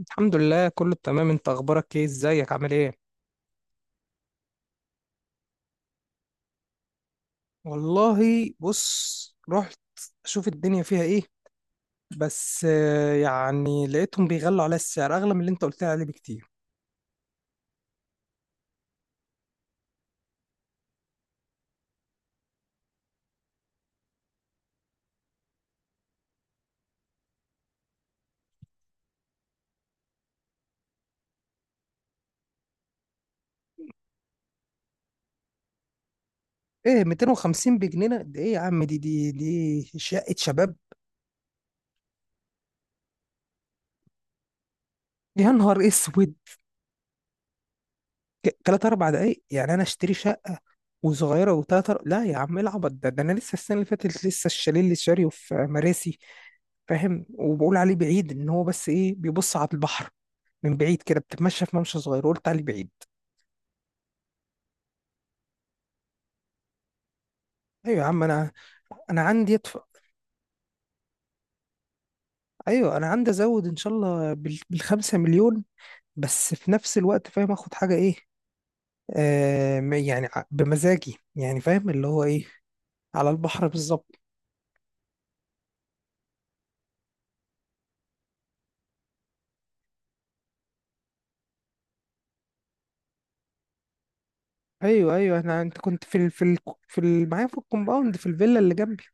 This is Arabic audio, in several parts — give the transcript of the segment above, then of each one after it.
الحمد لله كله تمام. انت اخبارك ايه؟ ازيك؟ عامل ايه؟ والله بص، رحت اشوف الدنيا فيها ايه. بس يعني لقيتهم بيغلوا على السعر اغلى من اللي انت قلت لي عليه بكتير. ايه 250 بجنيه؟ ده ايه يا عم؟ دي شقة شباب. يا نهار اسود. تلات اربع دقايق يعني انا اشتري شقة وصغيرة لا يا عم، ايه العبط ده؟ انا لسه السنة اللي فاتت لسه الشاليه اللي شاريه في مراسي، فاهم؟ وبقول عليه بعيد ان هو بس ايه، بيبص على البحر من بعيد كده، بتتمشى في ممشى صغير وقلت عليه بعيد. ايوه يا عم، انا عندي يدفع. ايوه انا عندي ازود ان شاء الله بالخمسة مليون، بس في نفس الوقت فاهم اخد حاجه ايه؟ يعني بمزاجي يعني، فاهم اللي هو ايه، على البحر بالظبط. ايوه ايوه. انا انت كنت معايا في الكومباوند في الفيلا اللي جنبي.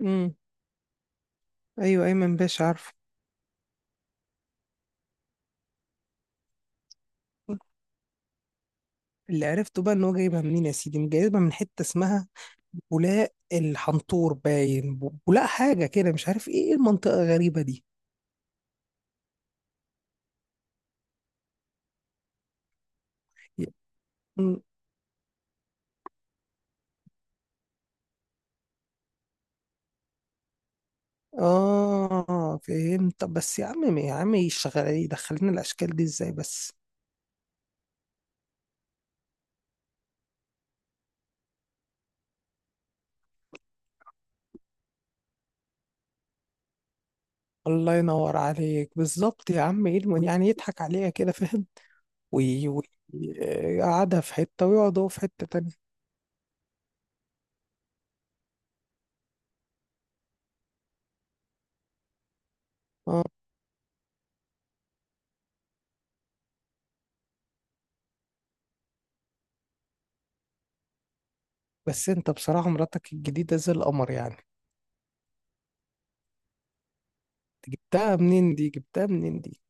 امم ايوه ايمن باشا عارفه. اللي عرفته بقى ان هو جايبها منين يا سيدي؟ جايبها من حته اسمها بولاق الحنطور، باين بولاق حاجة كده، مش عارف ايه، إيه المنطقة الغريبة دي؟ م- اه فهمت. طب بس يا عم، يشغل يدخلنا الأشكال دي ازاي بس؟ الله ينور عليك بالظبط يا عم. ايه يعني يضحك عليها كده فاهم، ويقعدها في حتة ويقعد هو في حتة تانية. اه، بس انت بصراحة مراتك الجديدة زي القمر يعني. جبتها منين دي؟ جبتها منين دي؟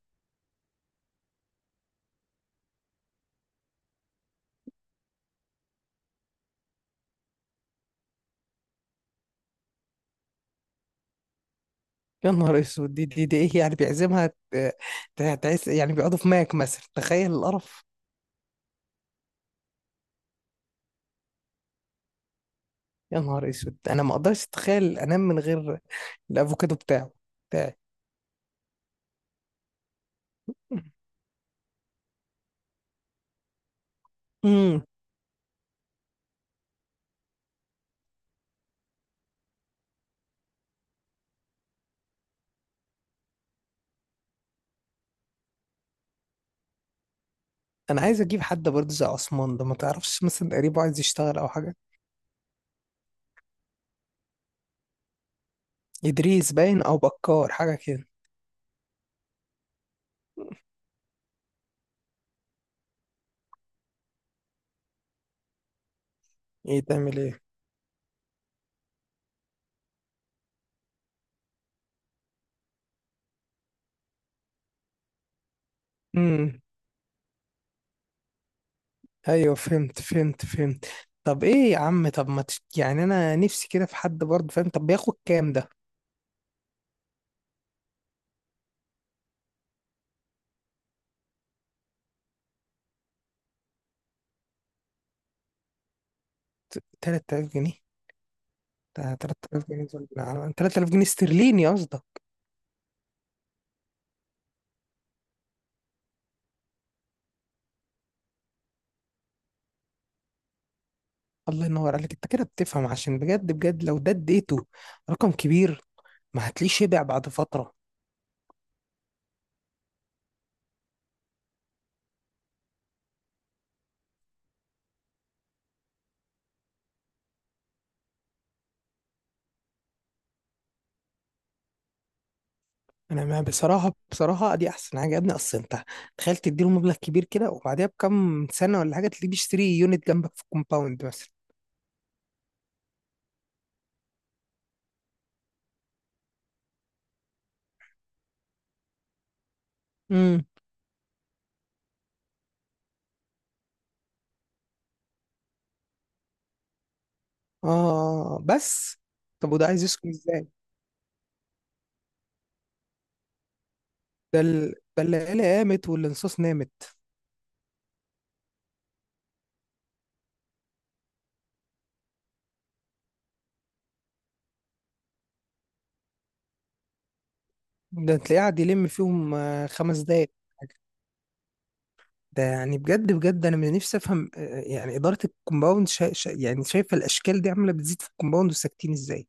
يا نهار اسود. دي ايه يعني، بيعزمها؟ ت- تعيس يعني؟ بيقعدوا في ماك مثلا؟ تخيل القرف. يا نهار اسود، انا ما اقدرش اتخيل انام من غير الافوكادو بتاعي. امم انا عايز اجيب حد برضه زي عثمان ده. ما تعرفش مثلا قريبه عايز يشتغل او حاجه؟ ادريس باين، او بكار حاجه كده. ايه تعمل ايه؟ امم ايوه فهمت فهمت فهمت. طب ايه يا عم؟ طب ما تش... يعني انا نفسي كده في حد برضه فاهم، طب بياخد كام ده؟ 3000 جنيه؟ ده 3000 جنيه دول 3000 جنيه استرليني قصدك؟ الله ينور عليك، انت كده بتفهم. عشان بجد بجد لو ده اديته رقم كبير ما هتلاقيه شبع بعد فتره. انا، ما بصراحه بصراحه دي احسن حاجه يا ابني. اصل انت تخيل تديله مبلغ كبير كده، وبعديها بكم سنه ولا حاجه تلاقيه بيشتري يونت جنبك في كومباوند مثلا. امم اه، بس. طب وده عايز يسكن ازاي؟ ده العيله قامت والانصاص نامت. ده تلاقيه قاعد يلم فيهم خمس دقايق. ده يعني بجد بجد انا من نفسي افهم، يعني اداره الكومباوند شا شا يعني شايفه الاشكال دي عامله بتزيد في الكومباوند وساكتين ازاي؟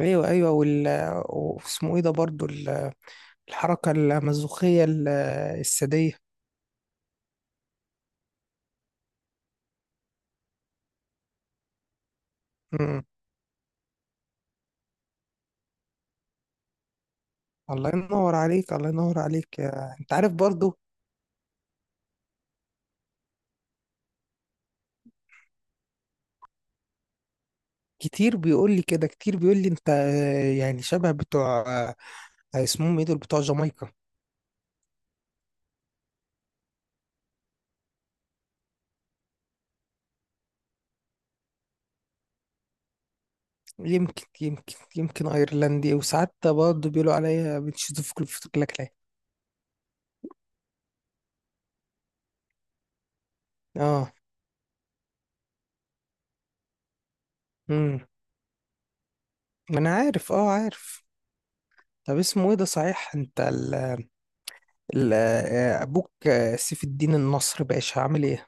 ايوه ايوه. وال واسمه ايه ده برضو ال- الحركه المزوخيه، الساديه. امم الله ينور عليك، الله ينور عليك. انت عارف برضو. كتير بيقول لي كده، كتير بيقول لي انت يعني شبه بتوع آه، اسمهم ايه دول، بتوع جامايكا. يمكن يمكن يمكن ايرلندي. وساعات برضه بيقولوا عليا بتشوف في كلاكلاك. اه. امم ما انا عارف، اه عارف. طب اسمه ايه ده صحيح، انت ال ال ابوك سيف الدين النصر باشا عامل ايه؟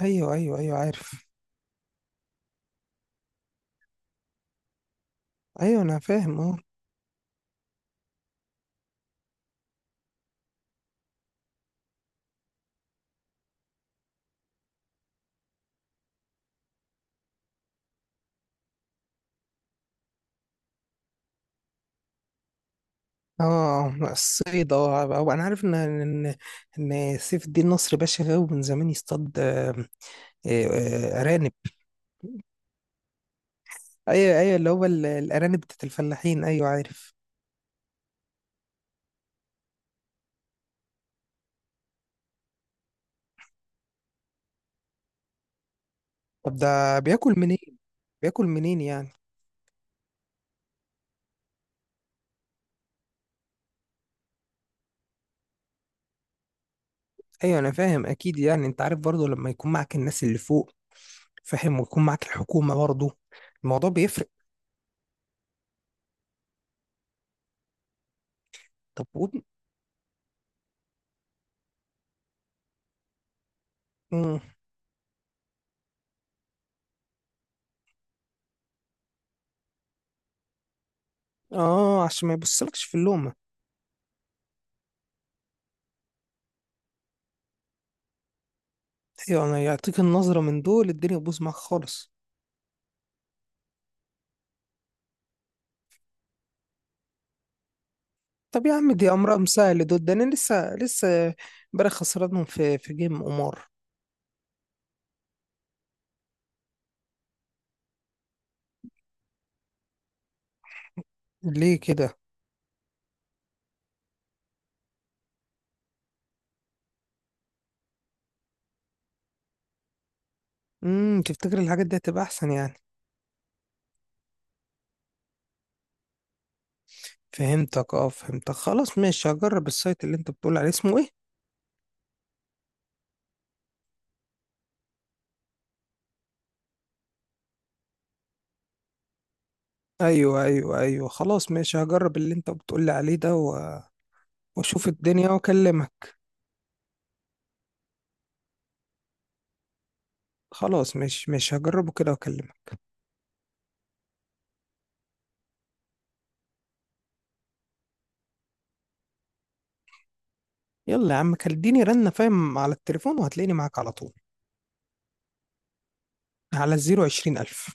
ايوه ايوه ايوه عارف. ايوه انا فاهم، اه. اه الصيد، اه. أو انا عارف ان سيف الدين نصر باشا غاوي من زمان يصطاد ارانب. ايوه ايوه، اللي هو الارانب بتاعت الفلاحين، ايوه عارف. طب ده بياكل منين؟ بياكل منين يعني؟ ايوه انا فاهم اكيد، يعني انت عارف برضو لما يكون معك الناس اللي فوق فاهم، ويكون معك الحكومة برضو، الموضوع بيفرق. طب ود... مم. اه، عشان ما يبصلكش في اللومة. ايوه، انا يعطيك النظرة من دول، الدنيا تبوظ معاك خالص. طب يا عم دي امرهم سهل دول. ده انا لسه امبارح خسرانهم في جيم قمار. ليه كده؟ تفتكر الحاجات دي هتبقى احسن يعني؟ فهمتك اه، فهمتك. خلاص ماشي هجرب السايت اللي انت بتقول عليه، اسمه ايه؟ ايوه ايوه ايوه، خلاص ماشي هجرب اللي انت بتقولي عليه ده واشوف الدنيا واكلمك. خلاص ماشي ماشي، هجربه كده واكلمك. يلا يا عم كلمني رنة فاهم على التليفون وهتلاقيني معاك على طول، على الزيرو عشرين الف.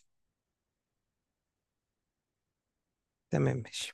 تمام ماشي.